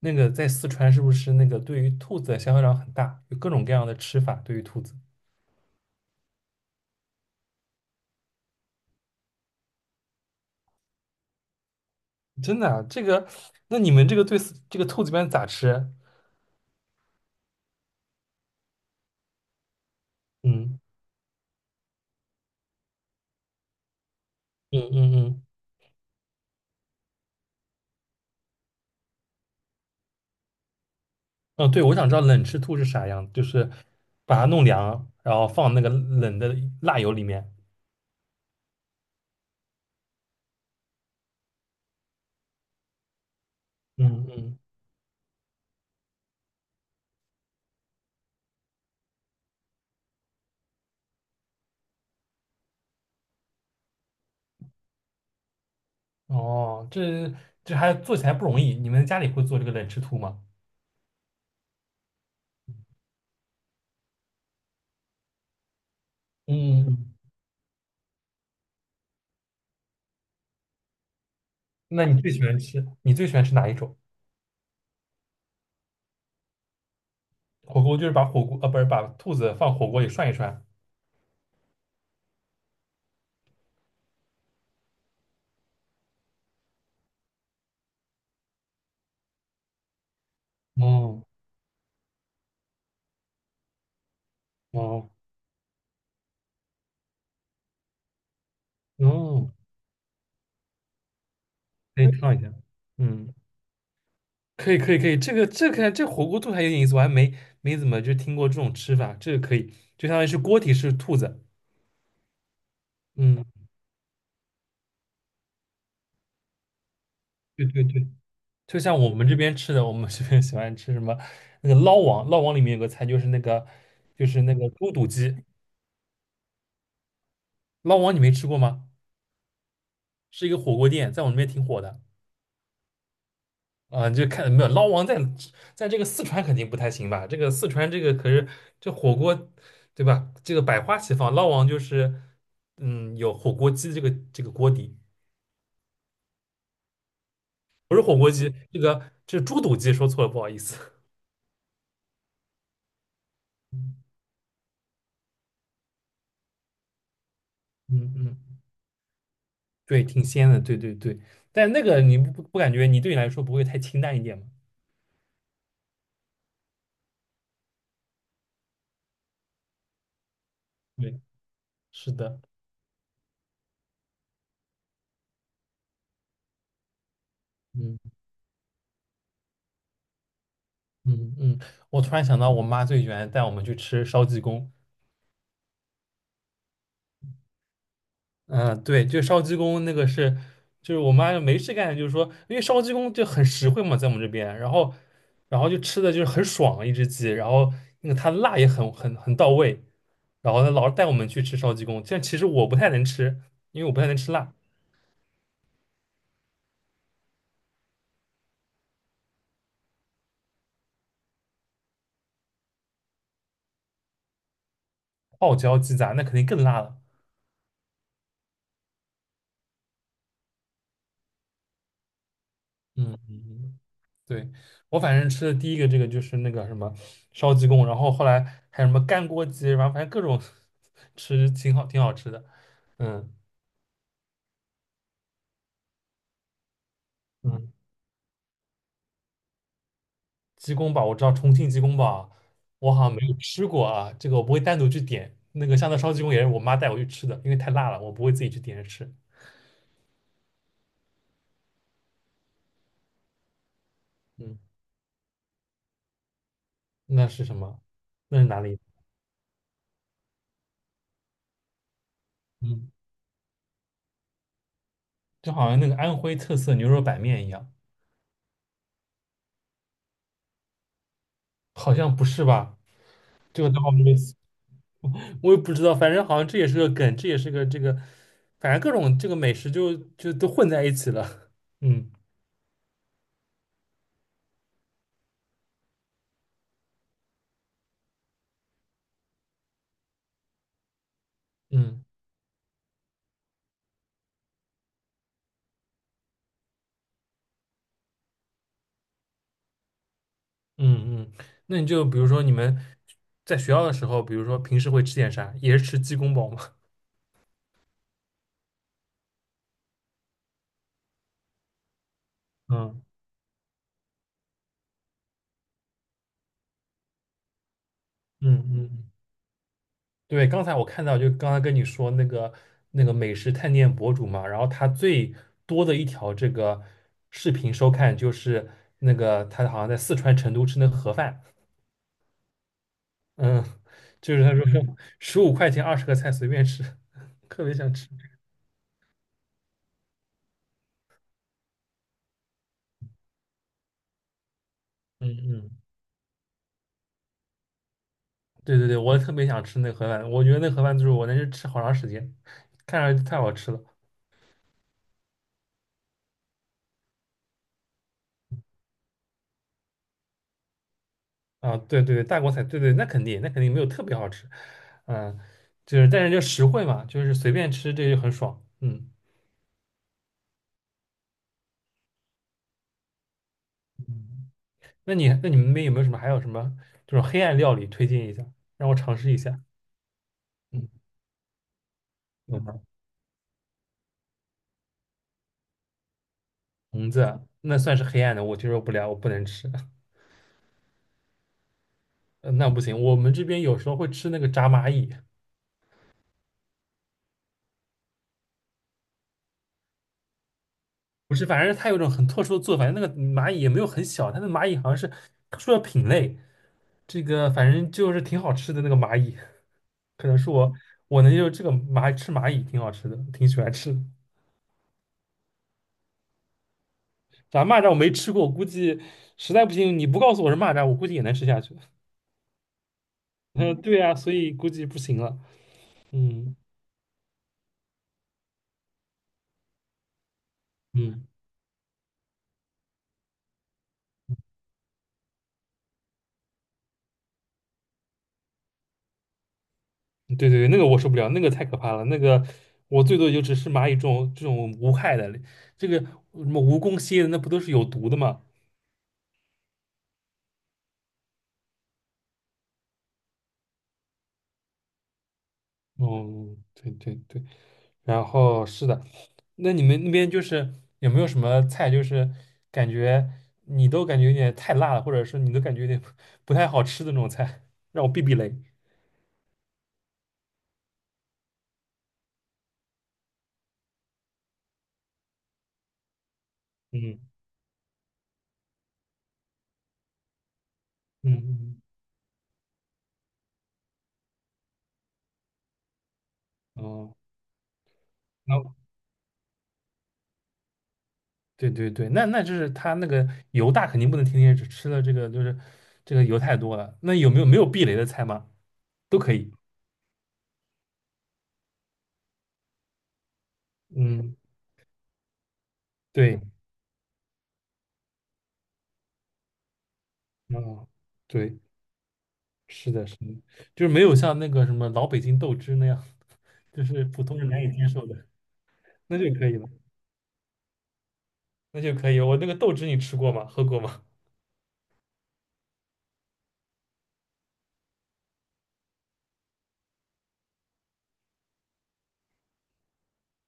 那个在四川是不是那个对于兔子的消费量很大，有各种各样的吃法对于兔子？真的啊，这个，那你们这个对四这个兔子一般咋吃啊？嗯嗯嗯嗯，嗯，对，我想知道冷吃兔是啥样，就是把它弄凉，然后放那个冷的辣油里面。嗯嗯，哦，这还做起来不容易。你们家里会做这个冷吃兔吗？嗯。那你最喜欢吃你最喜欢吃哪一种？火锅就是把火锅不是把兔子放火锅里涮一涮。哦哦，哦，可以烫一下，嗯，可以可以可以，这个看这火锅兔还有点意思，我还没怎么就听过这种吃法，这个可以，就相当于是锅底是兔子，嗯，对对对，就像我们这边吃的，我们这边 喜欢吃什么那个捞王，捞王里面有个菜就是那个就是那个猪肚鸡，捞王你没吃过吗？是一个火锅店，在我们那边挺火的。啊，你就看没有捞王在在这个四川肯定不太行吧？这个四川这个可是这火锅，对吧？这个百花齐放，捞王就是嗯有火锅鸡这个锅底，不是火锅鸡，这个这是猪肚鸡说错了，不好意思。嗯嗯，对，挺鲜的，对对对。但那个你不感觉你对你来说不会太清淡一点吗？对，是的，嗯嗯嗯。我突然想到，我妈最喜欢带我们去吃烧鸡公，嗯，对，就烧鸡公那个是，就是我妈就没事干，就是说，因为烧鸡公就很实惠嘛，在我们这边，然后，然后就吃的就是很爽一只鸡，然后那个它辣也很到位，然后她老是带我们去吃烧鸡公，但其实我不太能吃，因为我不太能吃辣，泡椒鸡杂那肯定更辣了。嗯嗯，嗯对，我反正吃的第一个这个就是那个什么烧鸡公，然后后来还有什么干锅鸡，然后反正各种 吃挺好挺好吃的。嗯嗯。鸡公煲我知道重庆鸡公煲，我好像没有吃过啊，这个我不会单独去点。那个香菜烧鸡公也是我妈带我去吃的，因为太辣了，我不会自己去点着吃。嗯，那是什么？那是哪里？嗯，就好像那个安徽特色牛肉板面一样，好像不是吧？这个倒没，我也不知道，反正好像这也是个梗，这也是个这个，反正各种这个美食就都混在一起了。嗯嗯。嗯嗯，那你就比如说你们在学校的时候，比如说平时会吃点啥？也是吃鸡公煲吗？嗯嗯嗯，对，刚才我看到，就刚才跟你说那个那个美食探店博主嘛，然后他最多的一条这个视频收看就是那个他好像在四川成都吃那个盒饭，嗯，就是他说15块钱20个菜随便吃，特别想吃。嗯嗯。对对对，我特别想吃那个盒饭，我觉得那盒饭就是我能是吃好长时间，看上去太好吃了啊！对对对，大锅菜，对对，那肯定，那肯定没有特别好吃，嗯，就是但是就实惠嘛，就是随便吃这就很爽，嗯。嗯那你那你们那边有没有什么还有什么这种黑暗料理推荐一下，让我尝试一下？嗯，有吗？虫子啊那算是黑暗的，我接受不了，我不能吃。那不行，我们这边有时候会吃那个炸蚂蚁，不是，反正它有一种很特殊的做法，那个蚂蚁也没有很小，它的蚂蚁好像是特殊的品类，这个反正就是挺好吃的那个蚂蚁，可能是我我能就这个蚂吃蚂蚁挺好吃的，挺喜欢吃的。反正蚂蚱我没吃过，我估计实在不行你不告诉我是蚂蚱，我估计也能吃下去。嗯，对啊，所以估计不行了。嗯嗯，对对对，那个我受不了，那个太可怕了，那个我最多也就只是蚂蚁这种这种无害的，这个什么蜈蚣、蝎子那不都是有毒的吗？哦，对对对，然后是的，那你们那边就是有没有什么菜，就是感觉你都感觉有点太辣了，或者是你都感觉有点不太好吃的那种菜，让我避避雷。嗯嗯嗯，嗯哦，那对对对，那那就是他那个油大肯定不能天天吃吃了这个就是这个油太多了。那有没有没有避雷的菜吗？都可以。嗯，对，嗯，对，是的，是的，就是没有像那个什么老北京豆汁那样。就是普通人难以接受的，那就可以了，那就可以了。我那个豆汁你吃过吗？喝过吗？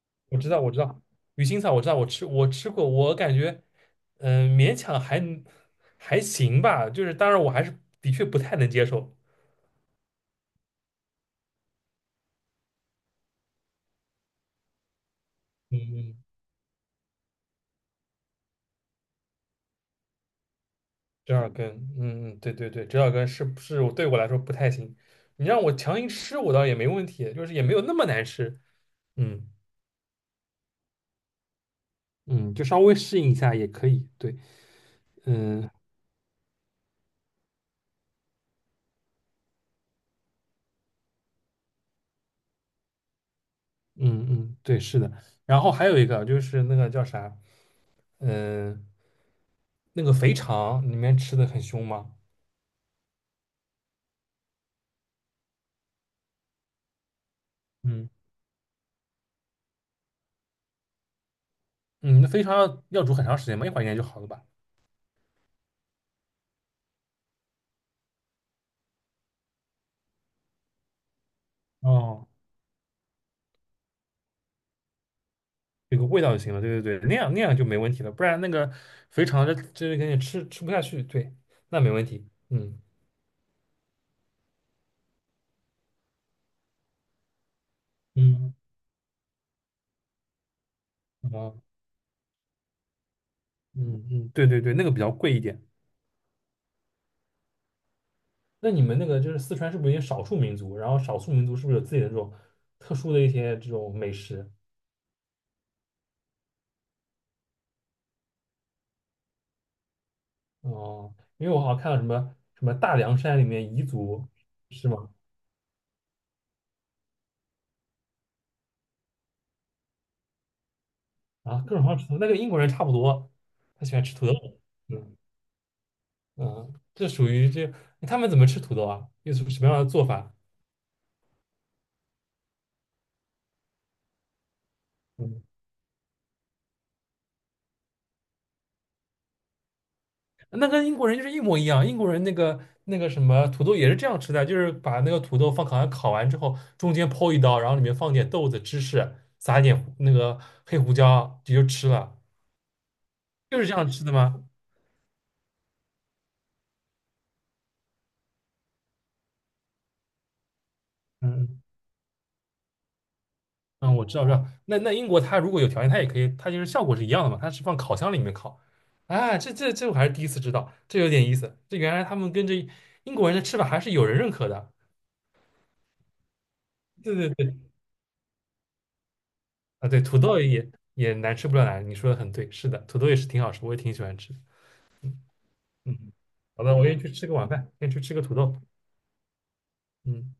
我知道，我知道，鱼腥草我知道，我吃过，我感觉勉强还行吧，就是当然我还是的确不太能接受。嗯嗯，折耳根，嗯嗯，对对对，折耳根是不是我对我来说不太行？你让我强行吃，我倒也没问题，就是也没有那么难吃。嗯嗯，就稍微适应一下也可以。对，嗯。嗯嗯，对，是的。然后还有一个就是那个叫啥，嗯、那个肥肠里面吃的很凶吗？嗯，嗯，那肥肠要煮很长时间吗？一会儿应该就好了吧？哦，有个味道就行了。对对对，那样那样就没问题了。不然那个肥肠这个你吃吃不下去，对，那没问题。嗯嗯，啊，嗯嗯，对对对，那个比较贵一点。那你们那个就是四川是不是有少数民族？然后少数民族是不是有自己的这种特殊的一些这种美食？哦，因为我好像看到什么什么大凉山里面彝族是吗？啊，各种好吃土豆那个英国人差不多，他喜欢吃土豆。嗯嗯，这属于这他们怎么吃土豆啊？又是什么样的做法？嗯，那跟英国人就是一模一样。英国人那个那个什么土豆也是这样吃的，就是把那个土豆放烤箱烤完之后，中间剖一刀，然后里面放点豆子、芝士，撒一点胡那个黑胡椒，你就吃了，就是这样吃的吗？嗯嗯，我知道，知道。那那英国它如果有条件，它也可以，它就是效果是一样的嘛，它是放烤箱里面烤。啊，这我还是第一次知道，这有点意思。这原来他们跟这英国人的吃法还是有人认可的。对对对，啊对，土豆也也难吃不了难，你说的很对，是的，土豆也是挺好吃，我也挺喜欢吃。嗯，好的，我先去吃个晚饭，先去吃个土豆。嗯。